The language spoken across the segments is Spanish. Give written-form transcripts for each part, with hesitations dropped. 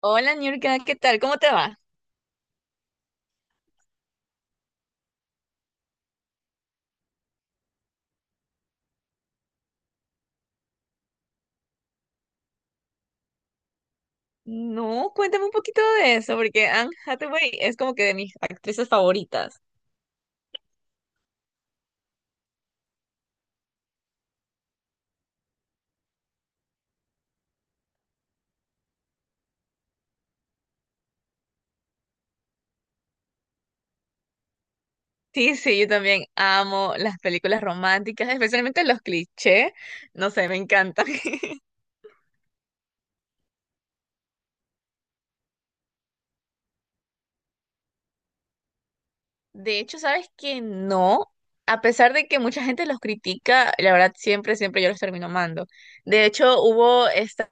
Hola, Niurka, ¿qué tal? ¿Cómo te va? No, cuéntame un poquito de eso, porque Anne Hathaway es como que de mis actrices favoritas. Sí, sí, yo también amo las películas románticas, especialmente los clichés. No sé, me encantan. De hecho, ¿sabes que no? A pesar de que mucha gente los critica, la verdad siempre yo los termino amando. De hecho, hubo esta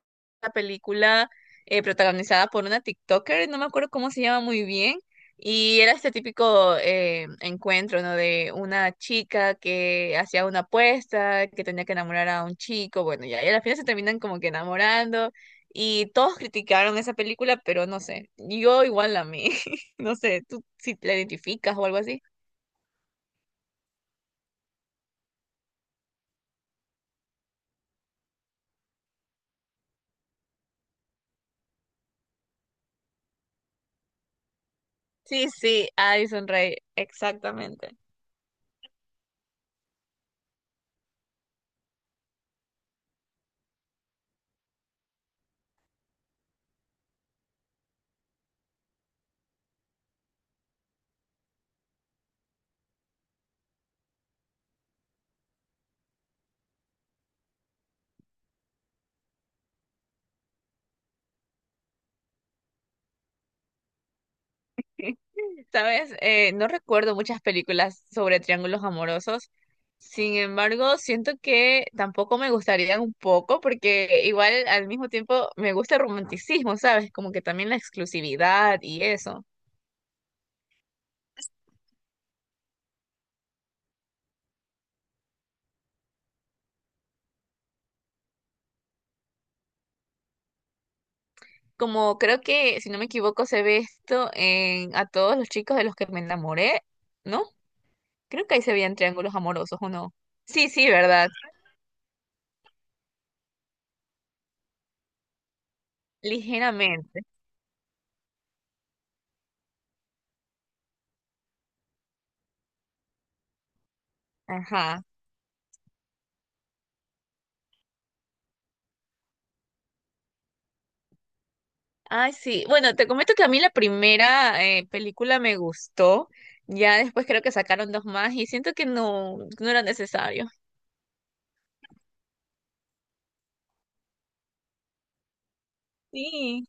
película protagonizada por una TikToker, no me acuerdo cómo se llama muy bien, y era este típico encuentro, ¿no? De una chica que hacía una apuesta, que tenía que enamorar a un chico, bueno, ya, y al final se terminan como que enamorando, y todos criticaron esa película, pero no sé, yo igual la amé. No sé, tú si te la identificas o algo así. Sí, sí, Addison Rae, exactamente. Sabes, no recuerdo muchas películas sobre triángulos amorosos. Sin embargo, siento que tampoco me gustaría un poco, porque igual al mismo tiempo me gusta el romanticismo, ¿sabes? Como que también la exclusividad y eso. Como creo que, si no me equivoco, se ve esto en a todos los chicos de los que me enamoré, ¿no? Creo que ahí se veían triángulos amorosos, ¿o no? Sí, sí, ¿verdad? Ligeramente. Ajá. Ay, sí. Bueno, te comento que a mí la primera película me gustó. Ya después creo que sacaron dos más y siento que no, no era necesario. Sí.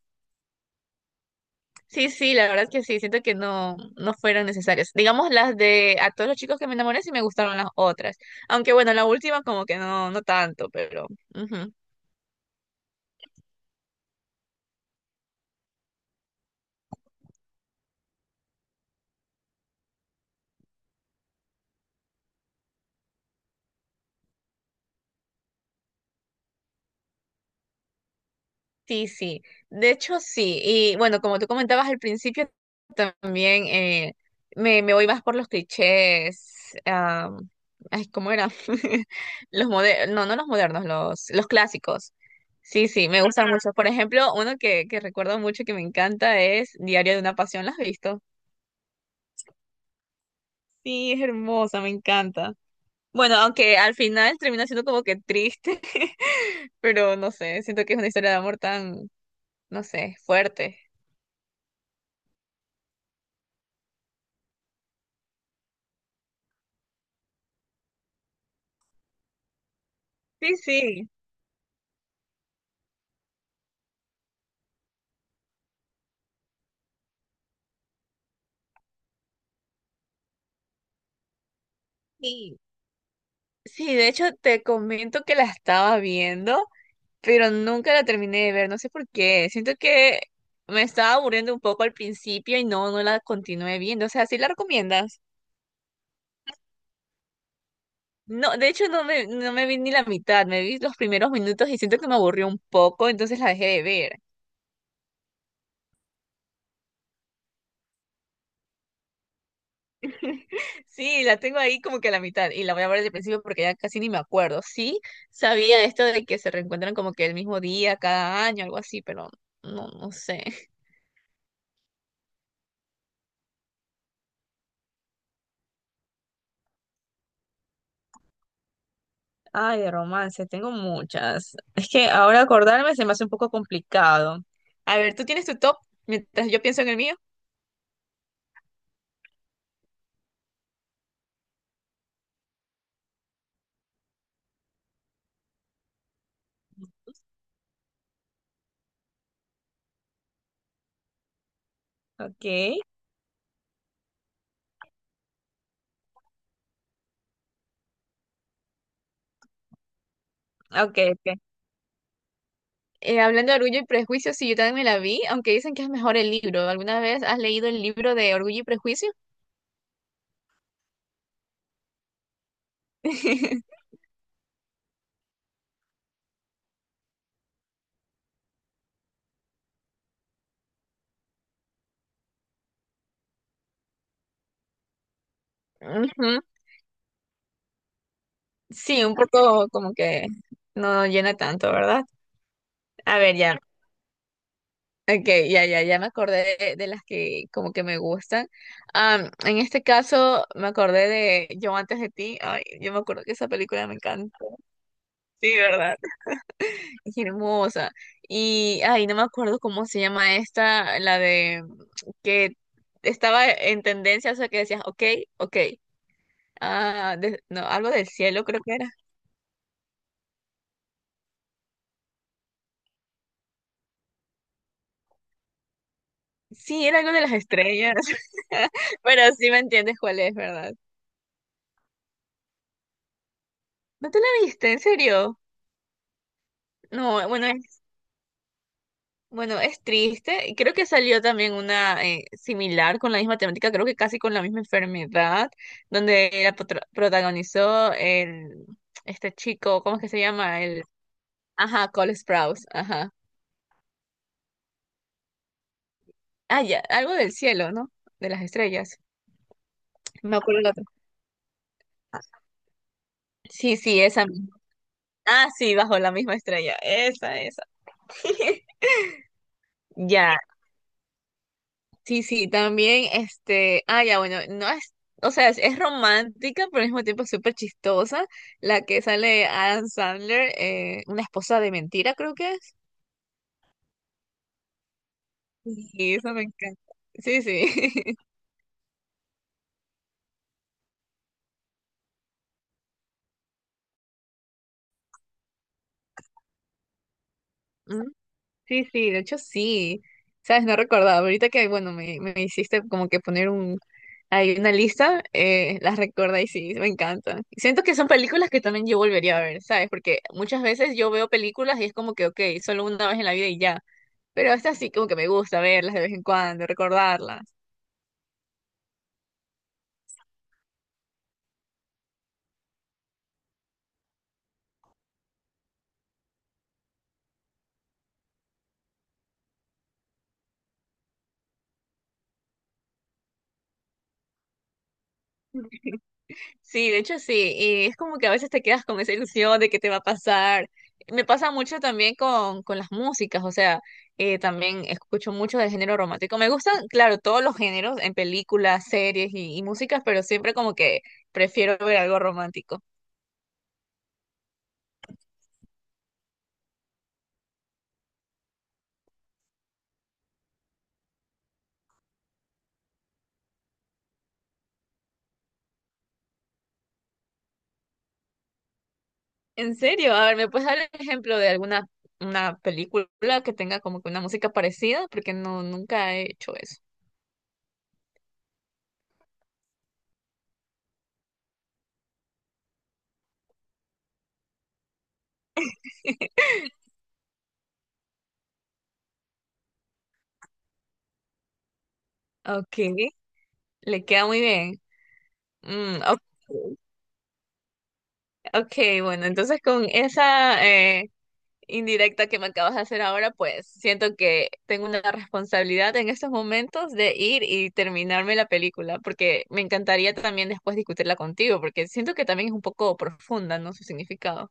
Sí, sí, la verdad es que sí. Siento que no, no fueron necesarias. Digamos las de a todos los chicos que me enamoré sí me gustaron las otras. Aunque bueno, la última como que no, no tanto, pero. Ujú. Sí, sí. De hecho, sí. Y bueno, como tú comentabas al principio, también me voy más por los clichés. ah, ¿Cómo era? Los modernos, no, no los modernos, los clásicos. Sí, sí, me gustan, ajá, mucho. Por ejemplo, uno que recuerdo mucho que me encanta es Diario de una Pasión. ¿Lo has visto? Sí, es hermosa, me encanta. Bueno, aunque al final termina siendo como que triste, pero no sé, siento que es una historia de amor tan, no sé, fuerte. Sí, sí. Sí, sí, de hecho te comento que la estaba viendo, pero nunca la terminé de ver, no sé por qué. Siento que me estaba aburriendo un poco al principio y no, no la continué viendo. O sea, ¿sí la recomiendas? No, de hecho no me vi ni la mitad, me vi los primeros minutos y siento que me aburrió un poco, entonces la dejé de ver. Sí, la tengo ahí como que a la mitad y la voy a ver desde el principio porque ya casi ni me acuerdo. Sí, sabía esto de que se reencuentran como que el mismo día, cada año, algo así, pero no, no sé. Ay, de romance, tengo muchas. Es que ahora acordarme se me hace un poco complicado. A ver, ¿tú tienes tu top mientras yo pienso en el mío? Ok, ok, ok. Hablando de Orgullo y Prejuicio, sí, yo también me la vi, aunque dicen que es mejor el libro. ¿Alguna vez has leído el libro de Orgullo y Prejuicio? Ujú. Sí, un poco como que no llena tanto, ¿verdad? A ver, ya. Okay, ya me acordé de las que como que me gustan. En este caso me acordé de Yo antes de ti. Ay, yo me acuerdo que esa película me encanta. Sí, ¿verdad? Es hermosa. Y, ay, no me acuerdo cómo se llama esta, la de que estaba en tendencia, o sea, que decías, ok, ok. No, algo del cielo creo que era. Sí, era algo de las estrellas. Pero sí me entiendes cuál es, ¿verdad? ¿No te la viste? ¿En serio? No, bueno, es triste. Y creo que salió también una similar con la misma temática, creo que casi con la misma enfermedad, donde la protagonizó el este chico, ¿cómo es que se llama? El, ajá, Cole Sprouse, ajá. Ah, ya, algo del cielo, ¿no? De las estrellas. No me acuerdo el otro. Ah, sí, sí, esa misma. Ah, sí, bajo la misma estrella. Esa, esa. Ya. Sí, sí, también, este, ah, ya, bueno, no es, o sea, es romántica, pero al mismo tiempo es súper chistosa, la que sale de Adam Sandler, una esposa de mentira, creo que es. Y eso me encanta. Sí, sí. Mm, sí, sí, de hecho sí. Sabes, no recordaba, ahorita que, bueno, me hiciste como que poner un, ahí una lista, las recuerda y sí, me encanta. Siento que son películas que también yo volvería a ver, ¿sabes? Porque muchas veces yo veo películas y es como que, ok, solo una vez en la vida y ya. Pero estas sí como que me gusta verlas de vez en cuando, recordarlas. Sí, de hecho sí, y es como que a veces te quedas con esa ilusión de que te va a pasar. Me pasa mucho también con las músicas, o sea, también escucho mucho del género romántico. Me gustan, claro, todos los géneros en películas, series y músicas, pero siempre como que prefiero ver algo romántico. En serio, a ver, ¿me puedes dar el ejemplo de alguna una película que tenga como que una música parecida? Porque no, nunca he hecho eso. Ok, le queda muy bien. Mm, ok, ok, bueno, entonces con esa indirecta que me acabas de hacer ahora, pues siento que tengo una responsabilidad en estos momentos de ir y terminarme la película, porque me encantaría también después discutirla contigo, porque siento que también es un poco profunda, ¿no? Su significado.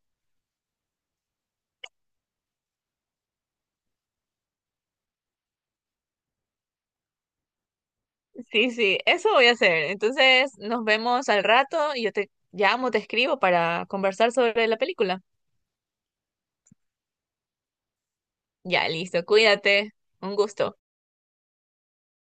Sí, sí, eso voy a hacer. Entonces nos vemos al rato y yo te llamo, te escribo para conversar sobre la película. Ya, listo, cuídate, un gusto.